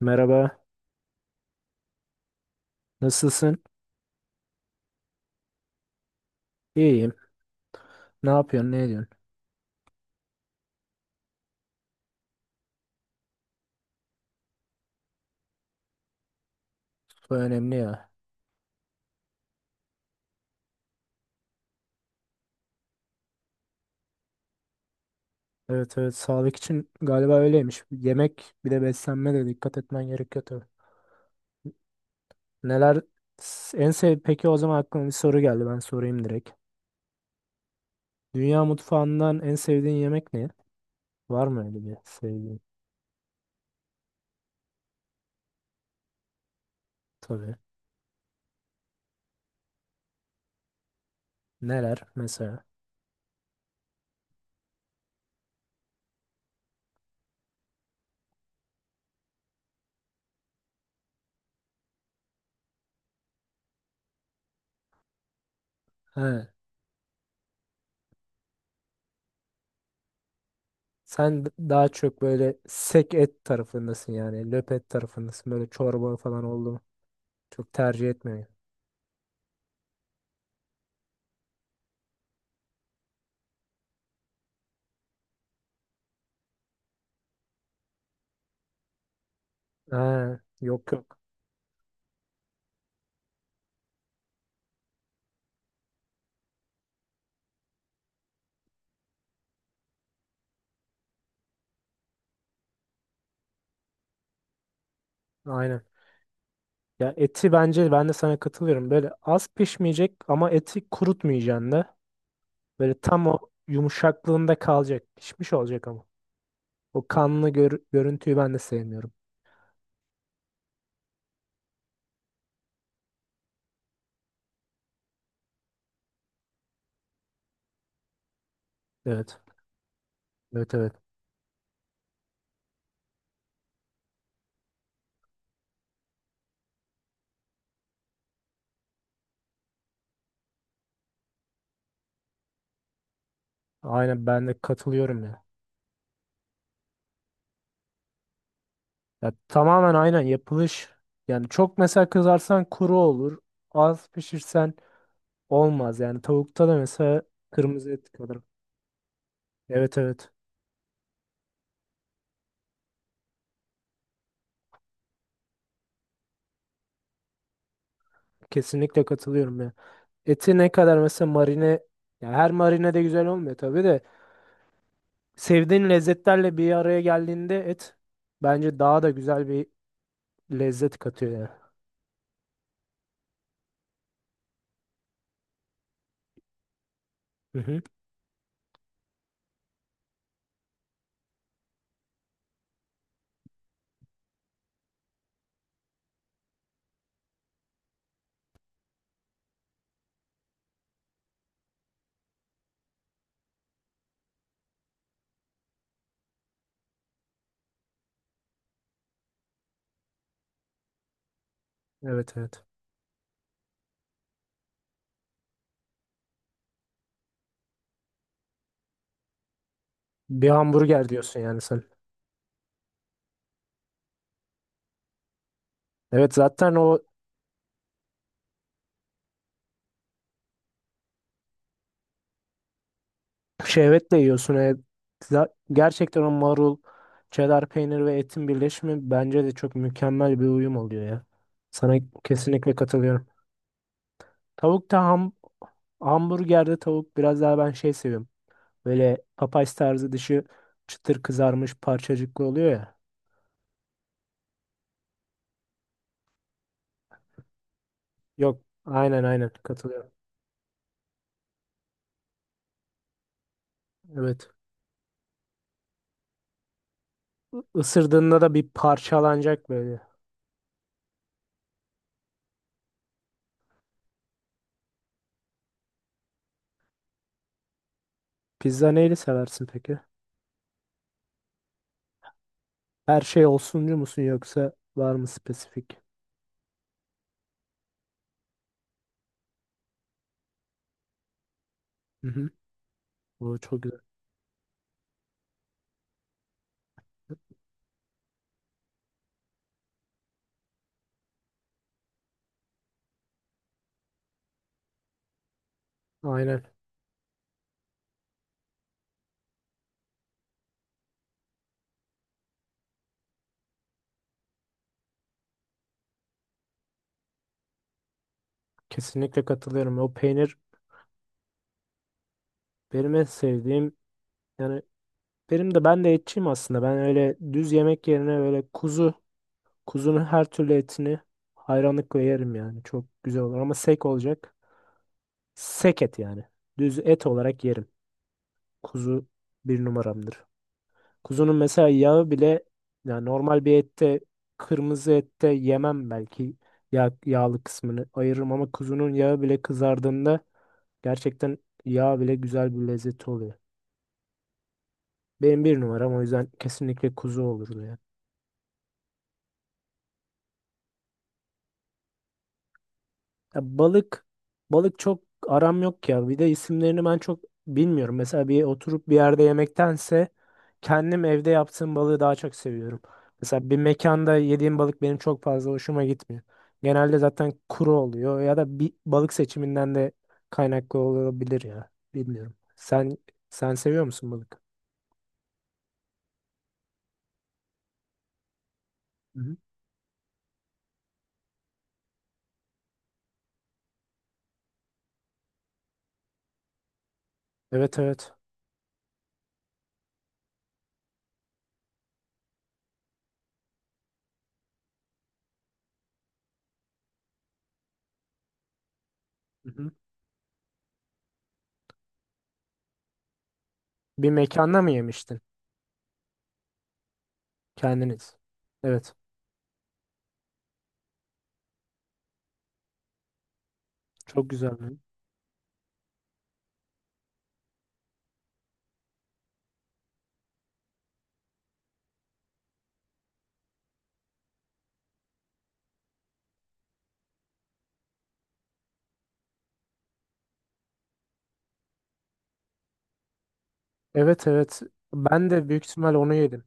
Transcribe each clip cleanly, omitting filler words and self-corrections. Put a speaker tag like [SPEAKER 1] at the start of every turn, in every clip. [SPEAKER 1] Merhaba, nasılsın? İyiyim. Ne yapıyorsun, ne ediyorsun? Bu önemli ya. Evet evet, sağlık için galiba öyleymiş. Yemek bir de beslenme de dikkat etmen gerekiyor tabii. Neler en sev peki o zaman aklıma bir soru geldi ben sorayım direkt. Dünya mutfağından en sevdiğin yemek ne? Var mı öyle bir sevdiğin? Tabii. Neler mesela? He. Daha çok böyle sek et tarafındasın yani. Löp et tarafındasın. Böyle çorba falan oldu mu? Çok tercih etmiyorum. He. Yok yok. Aynen. Ya eti bence ben de sana katılıyorum. Böyle az pişmeyecek ama eti kurutmayacaksın da. Böyle tam o yumuşaklığında kalacak. Pişmiş olacak ama. O kanlı görüntüyü ben de sevmiyorum. Evet. Evet evet. Aynen ben de katılıyorum ya. Ya tamamen aynen yapılış. Yani çok mesela kızarsan kuru olur. Az pişirsen olmaz. Yani tavukta da mesela kırmızı et kadar. Evet evet. Kesinlikle katılıyorum ya. Eti ne kadar mesela marine, ya her marine de güzel olmuyor tabii de. Sevdiğin lezzetlerle bir araya geldiğinde et bence daha da güzel bir lezzet katıyor yani. Hı hı. Evet evet. Bir hamburger diyorsun yani sen. Evet zaten o şehvetle yiyorsun. Gerçekten o marul, çedar peynir ve etin birleşimi bence de çok mükemmel bir uyum oluyor ya. Sana kesinlikle katılıyorum. Tavukta ham Hamburgerde tavuk biraz daha ben şey seviyorum. Böyle papaz tarzı dışı çıtır kızarmış parçacıklı oluyor ya. Yok aynen aynen katılıyorum. Evet. Isırdığında da bir parçalanacak böyle. Pizza neyle seversin peki? Her şey olsuncu musun yoksa var mı spesifik? Hı hı. Bu çok güzel. Aynen. Kesinlikle katılıyorum. O peynir benim en sevdiğim. Yani ben de etçiyim aslında. Ben öyle düz yemek yerine böyle kuzu, kuzunun her türlü etini hayranlıkla yerim yani. Çok güzel olur ama sek olacak. Sek et yani. Düz et olarak yerim. Kuzu bir numaramdır. Kuzunun mesela yağı bile yani normal bir ette, kırmızı ette yemem belki, yağlı kısmını ayırırım ama kuzunun yağı bile kızardığında gerçekten yağ bile güzel bir lezzeti oluyor. Benim bir numaram o yüzden kesinlikle kuzu olurdu ya. Ya balık çok aram yok ya. Bir de isimlerini ben çok bilmiyorum. Mesela bir oturup bir yerde yemektense kendim evde yaptığım balığı daha çok seviyorum. Mesela bir mekanda yediğim balık benim çok fazla hoşuma gitmiyor. Genelde zaten kuru oluyor ya da bir balık seçiminden de kaynaklı olabilir ya. Bilmiyorum. Sen seviyor musun balık? Hı hı. Evet evet. Hı hı. Bir mekanda mı yemiştin kendiniz? Evet. Çok güzel. Evet evet. Ben de büyük ihtimal onu yedim.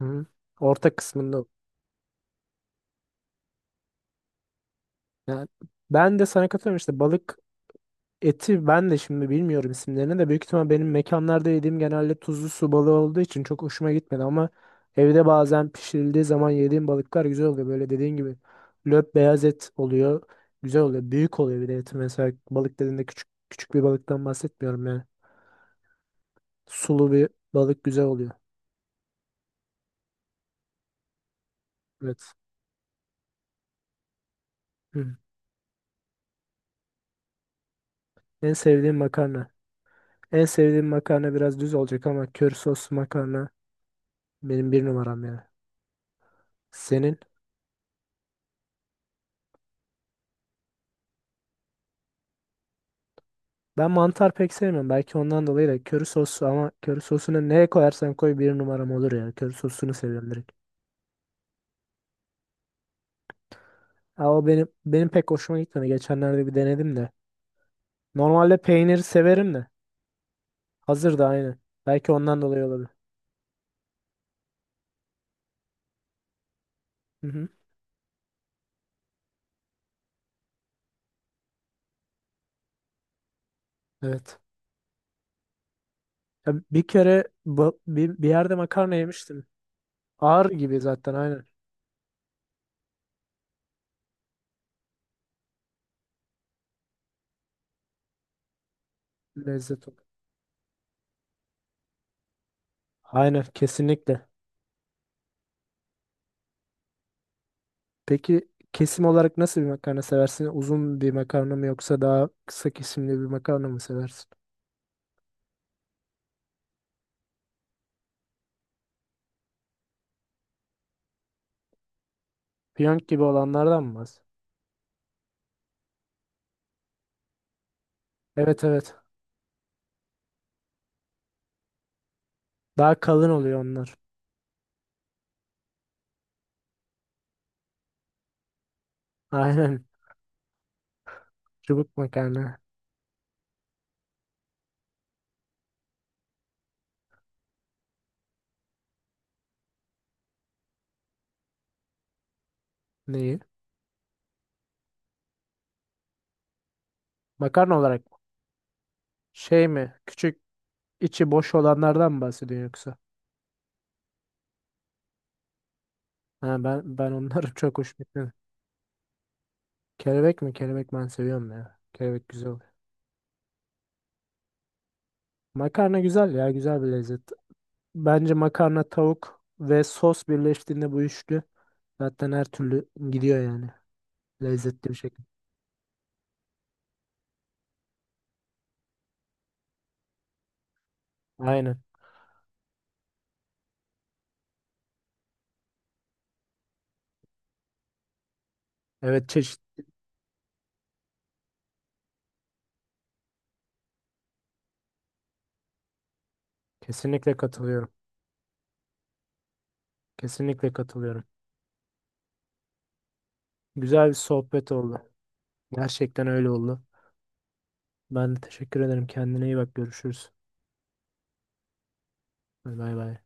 [SPEAKER 1] Hı hı. Orta kısmında. Yani ben de sana katılıyorum işte balık. Eti ben de şimdi bilmiyorum isimlerini de büyük ihtimal benim mekanlarda yediğim genelde tuzlu su balığı olduğu için çok hoşuma gitmedi ama evde bazen pişirildiği zaman yediğim balıklar güzel oluyor. Böyle dediğin gibi löp beyaz et oluyor. Güzel oluyor. Büyük oluyor bir de eti, mesela balık dediğinde küçük küçük bir balıktan bahsetmiyorum yani. Sulu bir balık güzel oluyor. Evet. Hı. En sevdiğim makarna. En sevdiğim makarna biraz düz olacak ama köri soslu makarna benim bir numaram yani. Senin? Ben mantar pek sevmiyorum. Belki ondan dolayı da köri sosu ama köri sosunu neye koyarsan koy bir numaram olur ya. Köri sosunu seviyorum direkt. Ha, o benim pek hoşuma gitmedi. Geçenlerde bir denedim de. Normalde peyniri severim de. Hazır da aynı. Belki ondan dolayı olabilir. Hı hı. Evet. Ya bir kere bir yerde makarna yemiştim. Ağır gibi zaten aynen. Lezzet olarak. Aynen kesinlikle. Peki kesim olarak nasıl bir makarna seversin? Uzun bir makarna mı yoksa daha kısa kesimli bir makarna mı seversin? Piyonk gibi olanlardan mı bahsediyorsun? Evet evet. Daha kalın oluyor onlar. Aynen. Çubuk makarna. Neyi? Makarna olarak mı? Şey mi? Küçük içi boş olanlardan mı bahsediyorsun yoksa? Ha, ben onları çok hoş gitmedi. Kelebek mi? Kelebek ben seviyorum ya. Kelebek güzel oluyor. Makarna güzel ya. Güzel bir lezzet. Bence makarna, tavuk ve sos birleştiğinde bu üçlü zaten her türlü gidiyor yani. Lezzetli bir şekilde. Aynen. Evet çeşit. Kesinlikle katılıyorum. Kesinlikle katılıyorum. Güzel bir sohbet oldu. Gerçekten öyle oldu. Ben de teşekkür ederim. Kendine iyi bak. Görüşürüz. Bay bay.